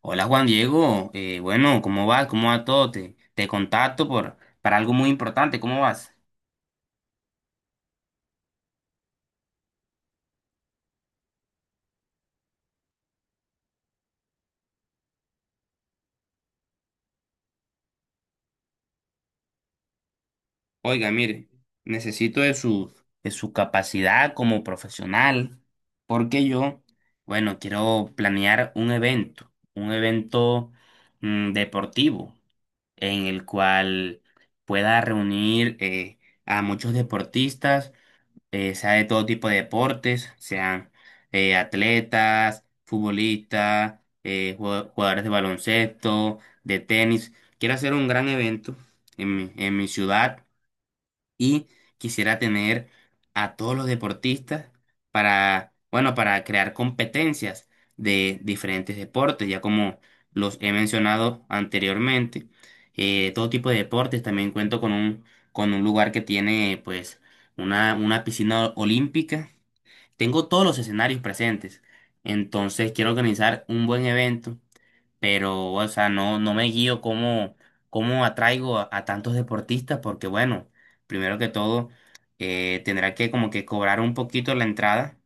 Hola Juan Diego, bueno, ¿cómo vas? ¿Cómo va todo? Te contacto para algo muy importante, ¿cómo vas? Oiga, mire, necesito de su capacidad como profesional, porque yo, bueno, quiero planear un evento deportivo, en el cual pueda reunir a muchos deportistas, sea de todo tipo de deportes, sean atletas, futbolistas, jugadores de baloncesto, de tenis. Quiero hacer un gran evento en mi ciudad y quisiera tener a todos los deportistas para, bueno, para crear competencias de diferentes deportes, ya como los he mencionado anteriormente. Todo tipo de deportes, también cuento con un lugar que tiene pues una piscina olímpica, tengo todos los escenarios presentes, entonces quiero organizar un buen evento, pero, o sea, no me guío cómo, cómo atraigo a tantos deportistas, porque bueno, primero que todo, tendrá que como que cobrar un poquito la entrada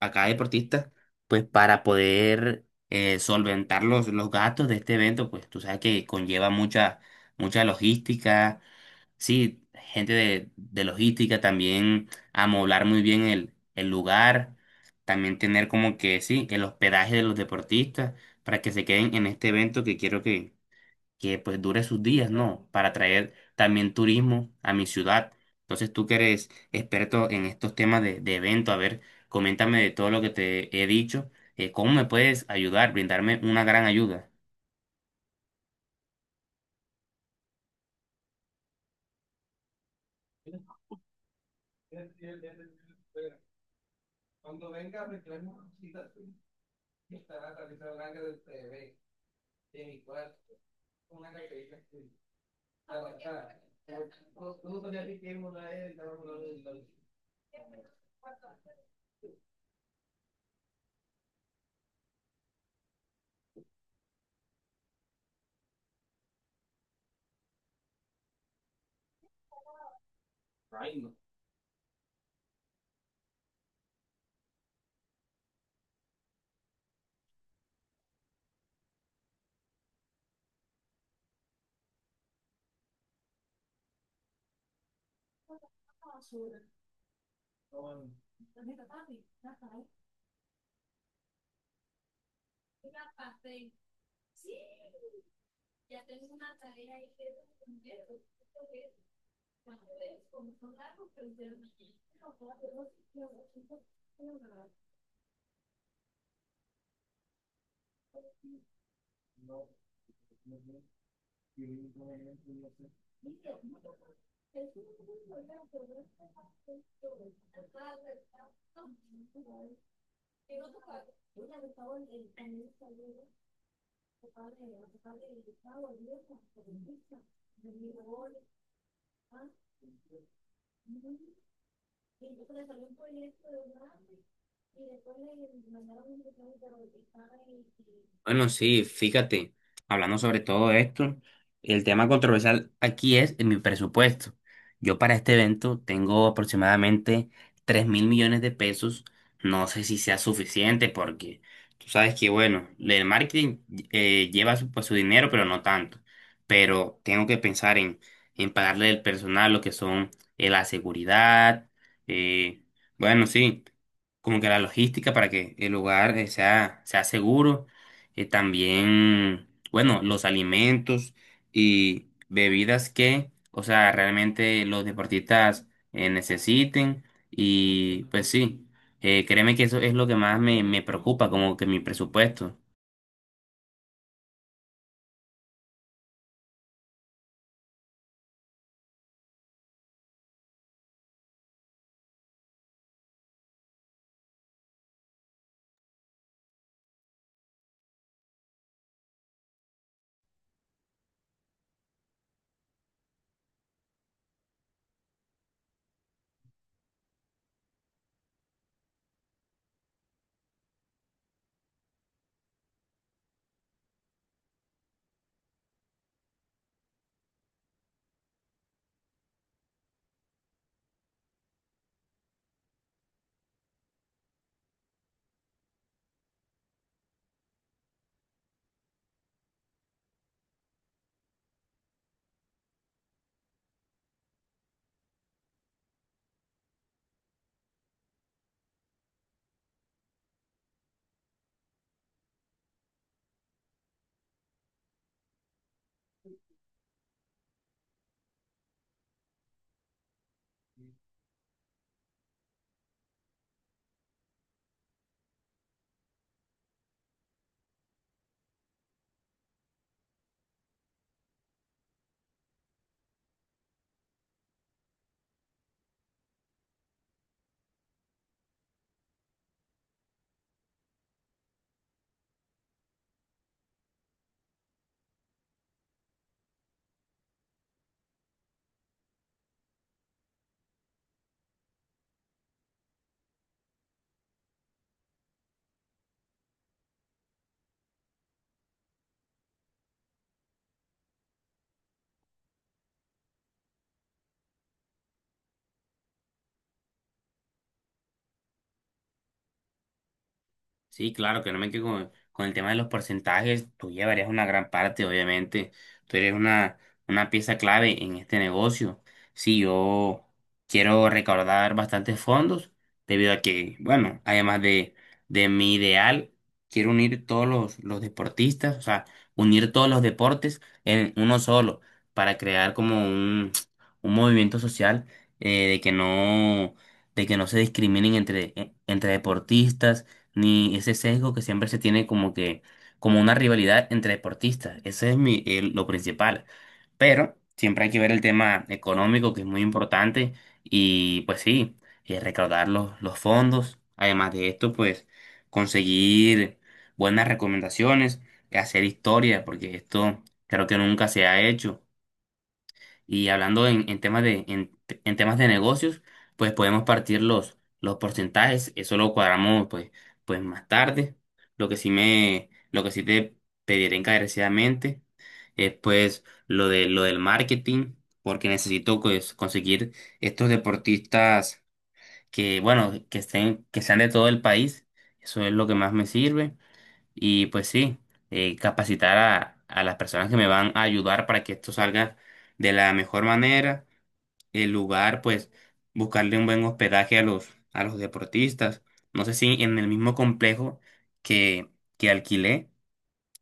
a cada deportista, pues para poder solventar los gastos de este evento. Pues tú sabes que conlleva mucha, mucha logística. Sí, gente de logística también, amoblar muy bien el lugar, también tener como que, sí, el hospedaje de los deportistas para que se queden en este evento, que quiero que pues dure sus días, ¿no? Para traer también turismo a mi ciudad. Entonces tú que eres experto en estos temas de evento, a ver, coméntame de todo lo que te he dicho. ¿Cómo me puedes ayudar, brindarme una gran ayuda? Bueno, sí, fíjate, hablando sobre todo esto, el tema controversial aquí es en mi presupuesto. Yo para este evento tengo aproximadamente 3.000 millones de pesos. No sé si sea suficiente porque tú sabes que, bueno, el marketing lleva pues, su dinero, pero no tanto. Pero tengo que pensar en pagarle el personal, lo que son, la seguridad. eh, bueno, sí, como que la logística para que el lugar, sea seguro. También, bueno, los alimentos y bebidas que, o sea, realmente los deportistas necesiten. Y pues sí, créeme que eso es lo que más me preocupa, como que mi presupuesto. Sí, claro, que no me quedo con el tema de los porcentajes, tú llevarías una gran parte, obviamente, tú eres una pieza clave en este negocio. Sí, yo quiero recaudar bastantes fondos, debido a que, bueno, además de mi ideal, quiero unir todos los deportistas, o sea, unir todos los deportes en uno solo, para crear como un movimiento social, eh, de que no, de que no, se discriminen entre deportistas, ni ese sesgo que siempre se tiene como que, como una rivalidad entre deportistas. Ese es lo principal. Pero siempre hay que ver el tema económico, que es muy importante, y pues sí, recaudar los fondos. Además de esto, pues conseguir buenas recomendaciones, hacer historia, porque esto creo que nunca se ha hecho. Y hablando en temas de negocios, pues podemos partir los porcentajes, eso lo cuadramos pues más tarde. Lo que sí te pediré encarecidamente es pues lo del marketing, porque necesito pues conseguir estos deportistas que, bueno, que estén, que sean de todo el país. Eso es lo que más me sirve. Y pues sí, capacitar a las personas que me van a ayudar para que esto salga de la mejor manera. El lugar, pues, buscarle un buen hospedaje a los deportistas. No sé si en el mismo complejo que, que alquilé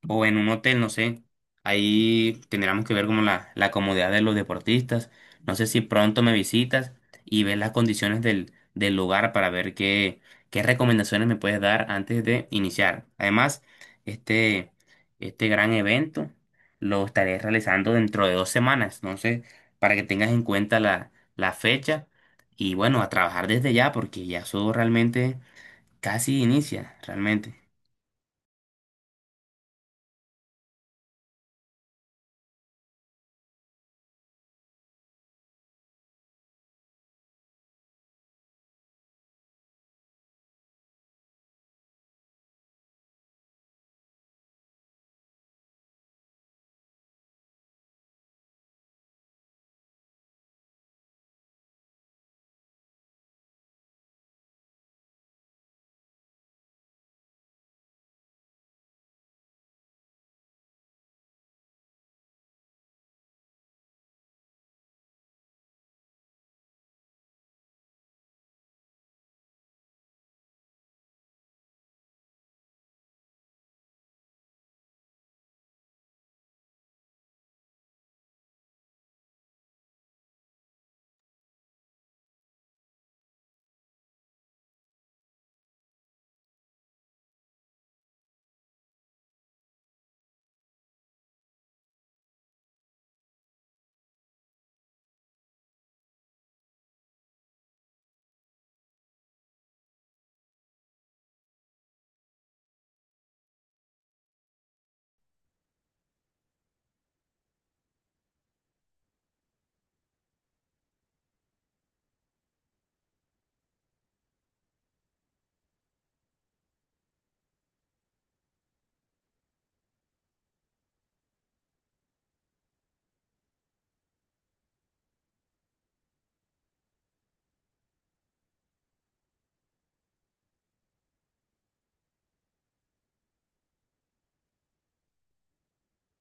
o en un hotel, no sé. Ahí tendríamos que ver como la comodidad de los deportistas. No sé si pronto me visitas y ves las condiciones del lugar para ver qué recomendaciones me puedes dar antes de iniciar. Además, este, este gran evento lo estaré realizando dentro de 2 semanas. Entonces, para que tengas en cuenta la fecha, y bueno, a trabajar desde ya, porque ya eso realmente casi inicia, realmente.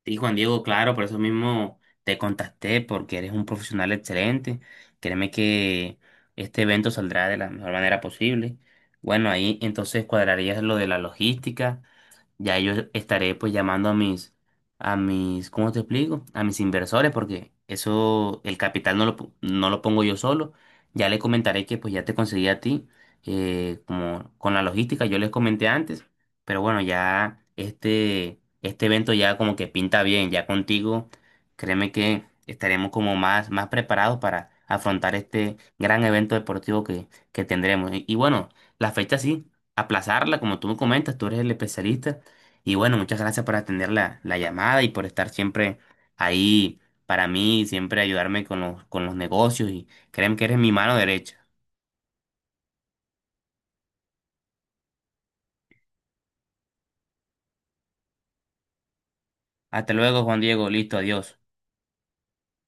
Sí, Juan Diego, claro, por eso mismo te contacté, porque eres un profesional excelente. Créeme que este evento saldrá de la mejor manera posible. Bueno, ahí entonces cuadrarías lo de la logística. Ya yo estaré pues llamando a mis, ¿cómo te explico? A mis inversores, porque eso, el capital no lo pongo yo solo. Ya le comentaré que pues ya te conseguí a ti, como con la logística, yo les comenté antes, pero bueno, ya este evento ya como que pinta bien, ya contigo. Créeme que estaremos como más, más preparados para afrontar este gran evento deportivo que tendremos. Y bueno, la fecha sí aplazarla, como tú me comentas, tú eres el especialista. Y bueno, muchas gracias por atender la llamada y por estar siempre ahí para mí, siempre ayudarme con los negocios, y créeme que eres mi mano derecha. Hasta luego, Juan Diego. Listo, adiós.